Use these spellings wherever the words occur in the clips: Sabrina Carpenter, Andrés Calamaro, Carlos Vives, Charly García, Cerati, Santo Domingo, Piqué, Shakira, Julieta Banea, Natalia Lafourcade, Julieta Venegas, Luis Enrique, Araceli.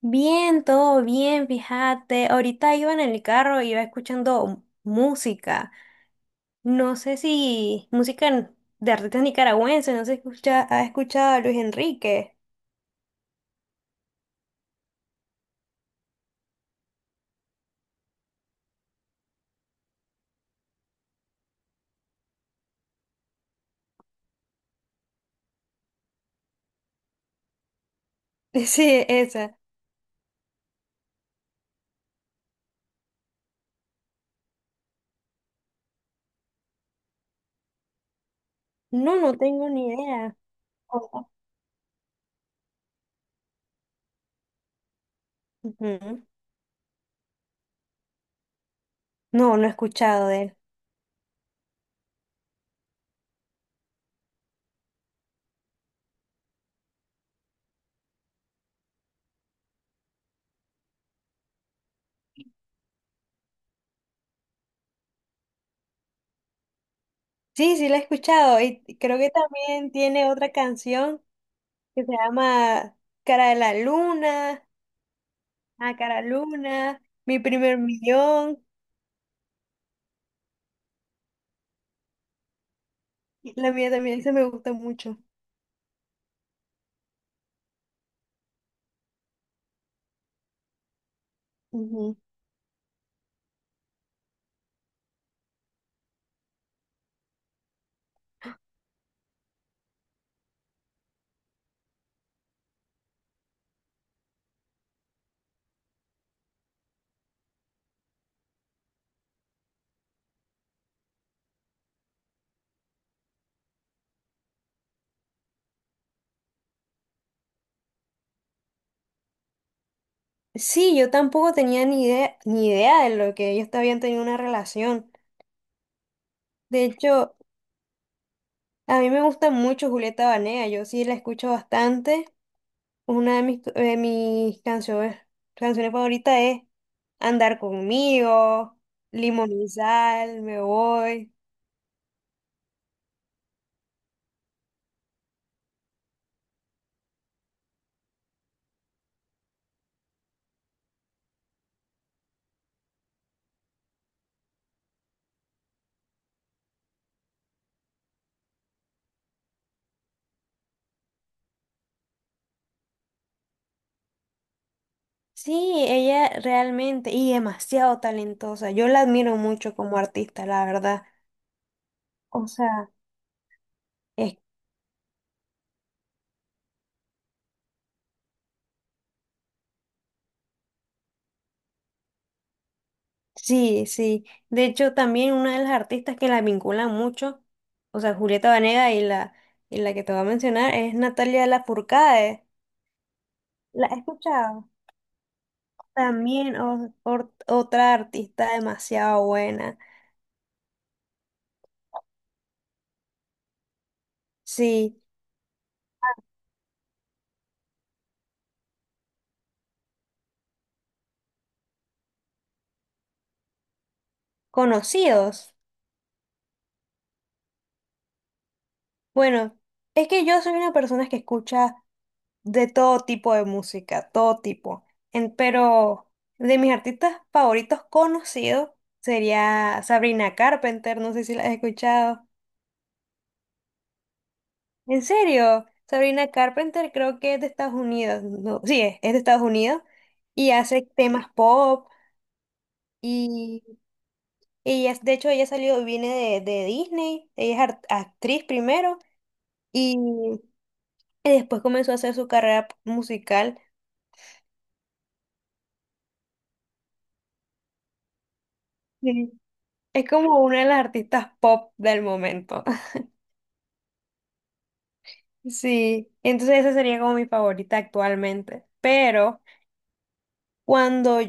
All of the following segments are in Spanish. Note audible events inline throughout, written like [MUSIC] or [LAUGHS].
Bien, todo bien, fíjate. Ahorita iba en el carro, iba escuchando música. No sé si música en- de artistas nicaragüenses, no sé si escucha, ha escuchado a Luis Enrique. [LAUGHS] Sí, esa. No tengo ni idea. Ojo. Ujú. No he escuchado de él. Sí, la he escuchado. Y creo que también tiene otra canción que se llama Cara de la Luna, a Cara Luna, Mi Primer Millón. La mía también, esa me gusta mucho. Ujú. Sí, yo tampoco tenía ni idea, ni idea de lo que ellos te habían tenido una relación. De hecho, a mí me gusta mucho Julieta Banea, yo sí la escucho bastante. Una de mis canciones, canciones favoritas es Andar conmigo, Limón y Sal, Me Voy. Sí, ella realmente y demasiado talentosa. Yo la admiro mucho como artista, la verdad. O sea, es Sí, sí. De hecho, también una de las artistas que la vinculan mucho, o sea, Julieta Venegas y la que te voy a mencionar es Natalia Lafourcade. ¿La he escuchado? También otra artista demasiado buena. Sí, conocidos. Bueno, es que yo soy una persona que escucha de todo tipo de música, todo tipo. Pero de mis artistas favoritos conocidos sería Sabrina Carpenter, no sé si la has escuchado. ¿En serio? Sabrina Carpenter creo que es de Estados Unidos. No, sí, es de Estados Unidos y hace temas pop y, ella de hecho ella salió, viene de Disney, ella es actriz primero y, y después comenzó a hacer su carrera musical. Sí. Es como una de las artistas pop del momento. [LAUGHS] Sí, entonces esa sería como mi favorita actualmente, pero... Cuando,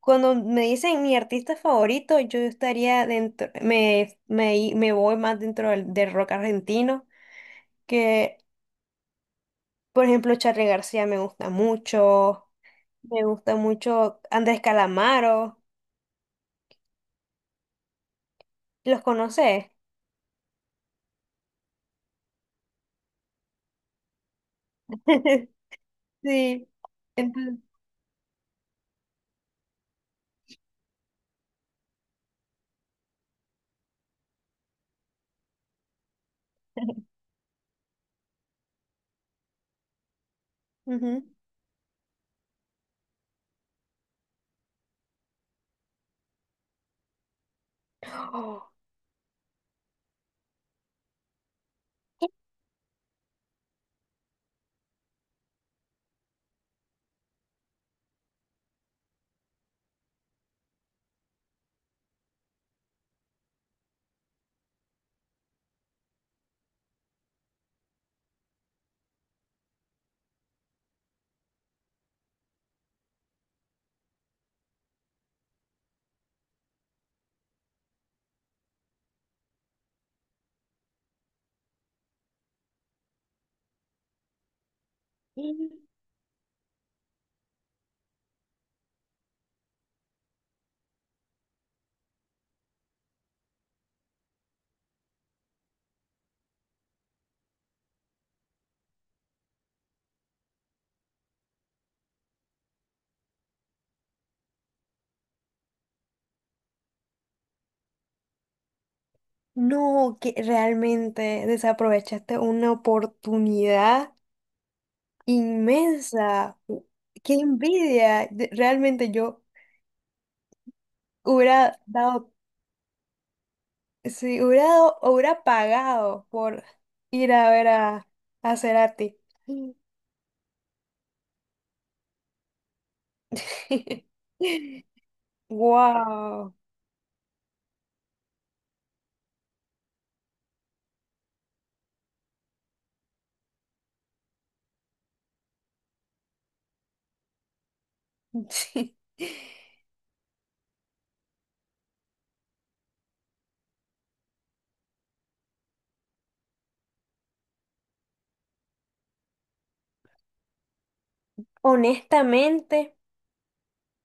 cuando me dicen mi artista favorito, yo estaría dentro, me voy más dentro del, del rock argentino, que por ejemplo Charly García me gusta mucho Andrés Calamaro, ¿los conoces? [LAUGHS] Sí, entonces, ujú. [GASPS] Oh, y- no, que realmente desaprovechaste una oportunidad inmensa. Qué envidia. Realmente yo hubiera dado, sí, hubiera dado, hubiera pagado por ir a ver a Cerati. [LAUGHS] Wow. Sí. Honestamente,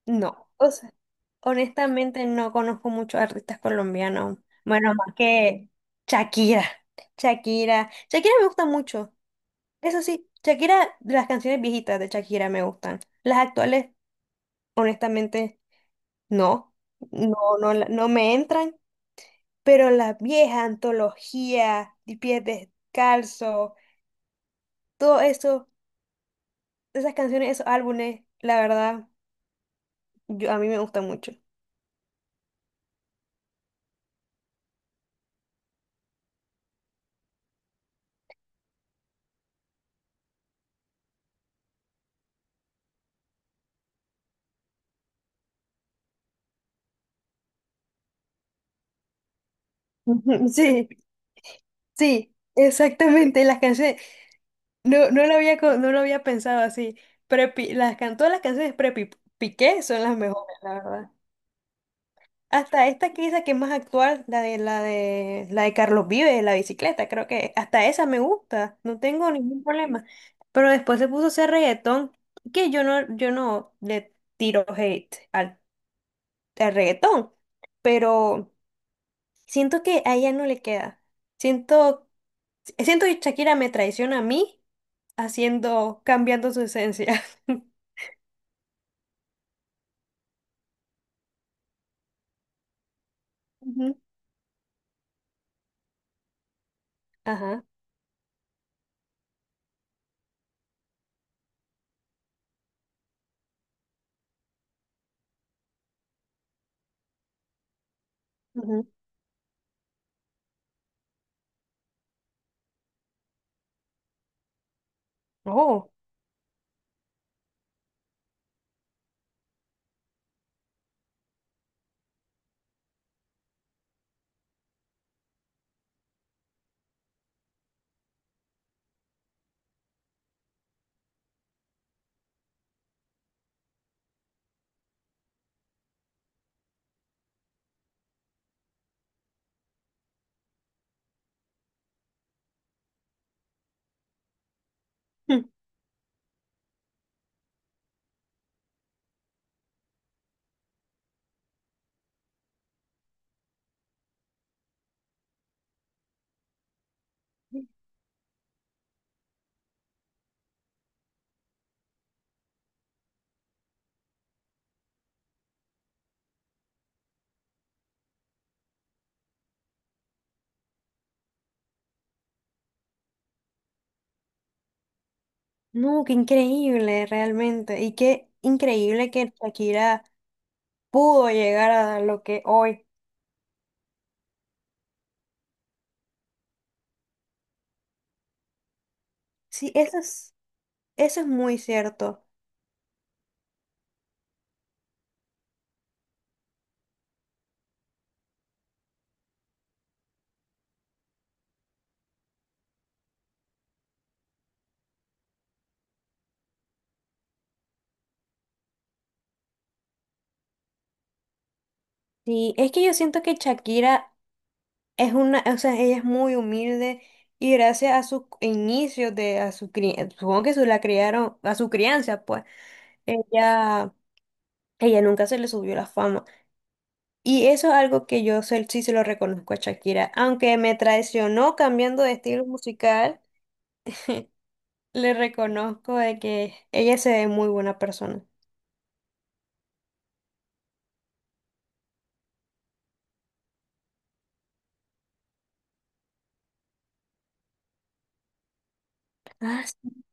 no. O sea, honestamente no conozco muchos artistas colombianos. Bueno, más que Shakira. Shakira. Shakira me gusta mucho. Eso sí, Shakira, las canciones viejitas de Shakira me gustan. Las actuales, honestamente. No, no, no me entran, pero la vieja antología, de pies descalzo, todo eso, esas canciones, esos álbumes, la verdad, yo, a mí me gustan mucho. Ujú, sí, sí, exactamente, las canciones, no, no lo había, no lo había pensado así, pero todas las canciones de Piqué son las mejores, la verdad. Hasta esta que dice que es más actual, la de Carlos Vives, la bicicleta, creo que hasta esa me gusta, no tengo ningún problema. Pero después se puso a hacer reggaetón, que yo no, yo no le tiro hate al, al reggaetón, pero siento que a ella no le queda. Siento, siento que Shakira me traiciona a mí haciendo, cambiando su esencia. [LAUGHS] Ujú. Ajá. Ujú. Oh. No, qué increíble realmente. Y qué increíble que Shakira pudo llegar a lo que hoy. Sí, eso es muy cierto. Sí, es que yo siento que Shakira es una, o sea, ella es muy humilde y gracias a sus inicios de, a su crianza, supongo que su la criaron, a su crianza, pues, ella, ella nunca se le subió la fama. Y eso es algo que yo sí se lo reconozco a Shakira, aunque me traicionó cambiando de estilo musical. Le reconozco de que ella se ve muy buena persona. Ah, sí,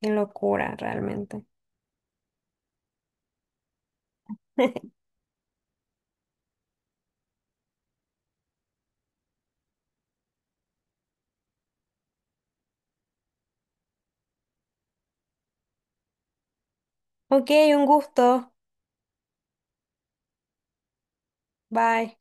qué locura, realmente. [LAUGHS] Ok, un gusto. Bye.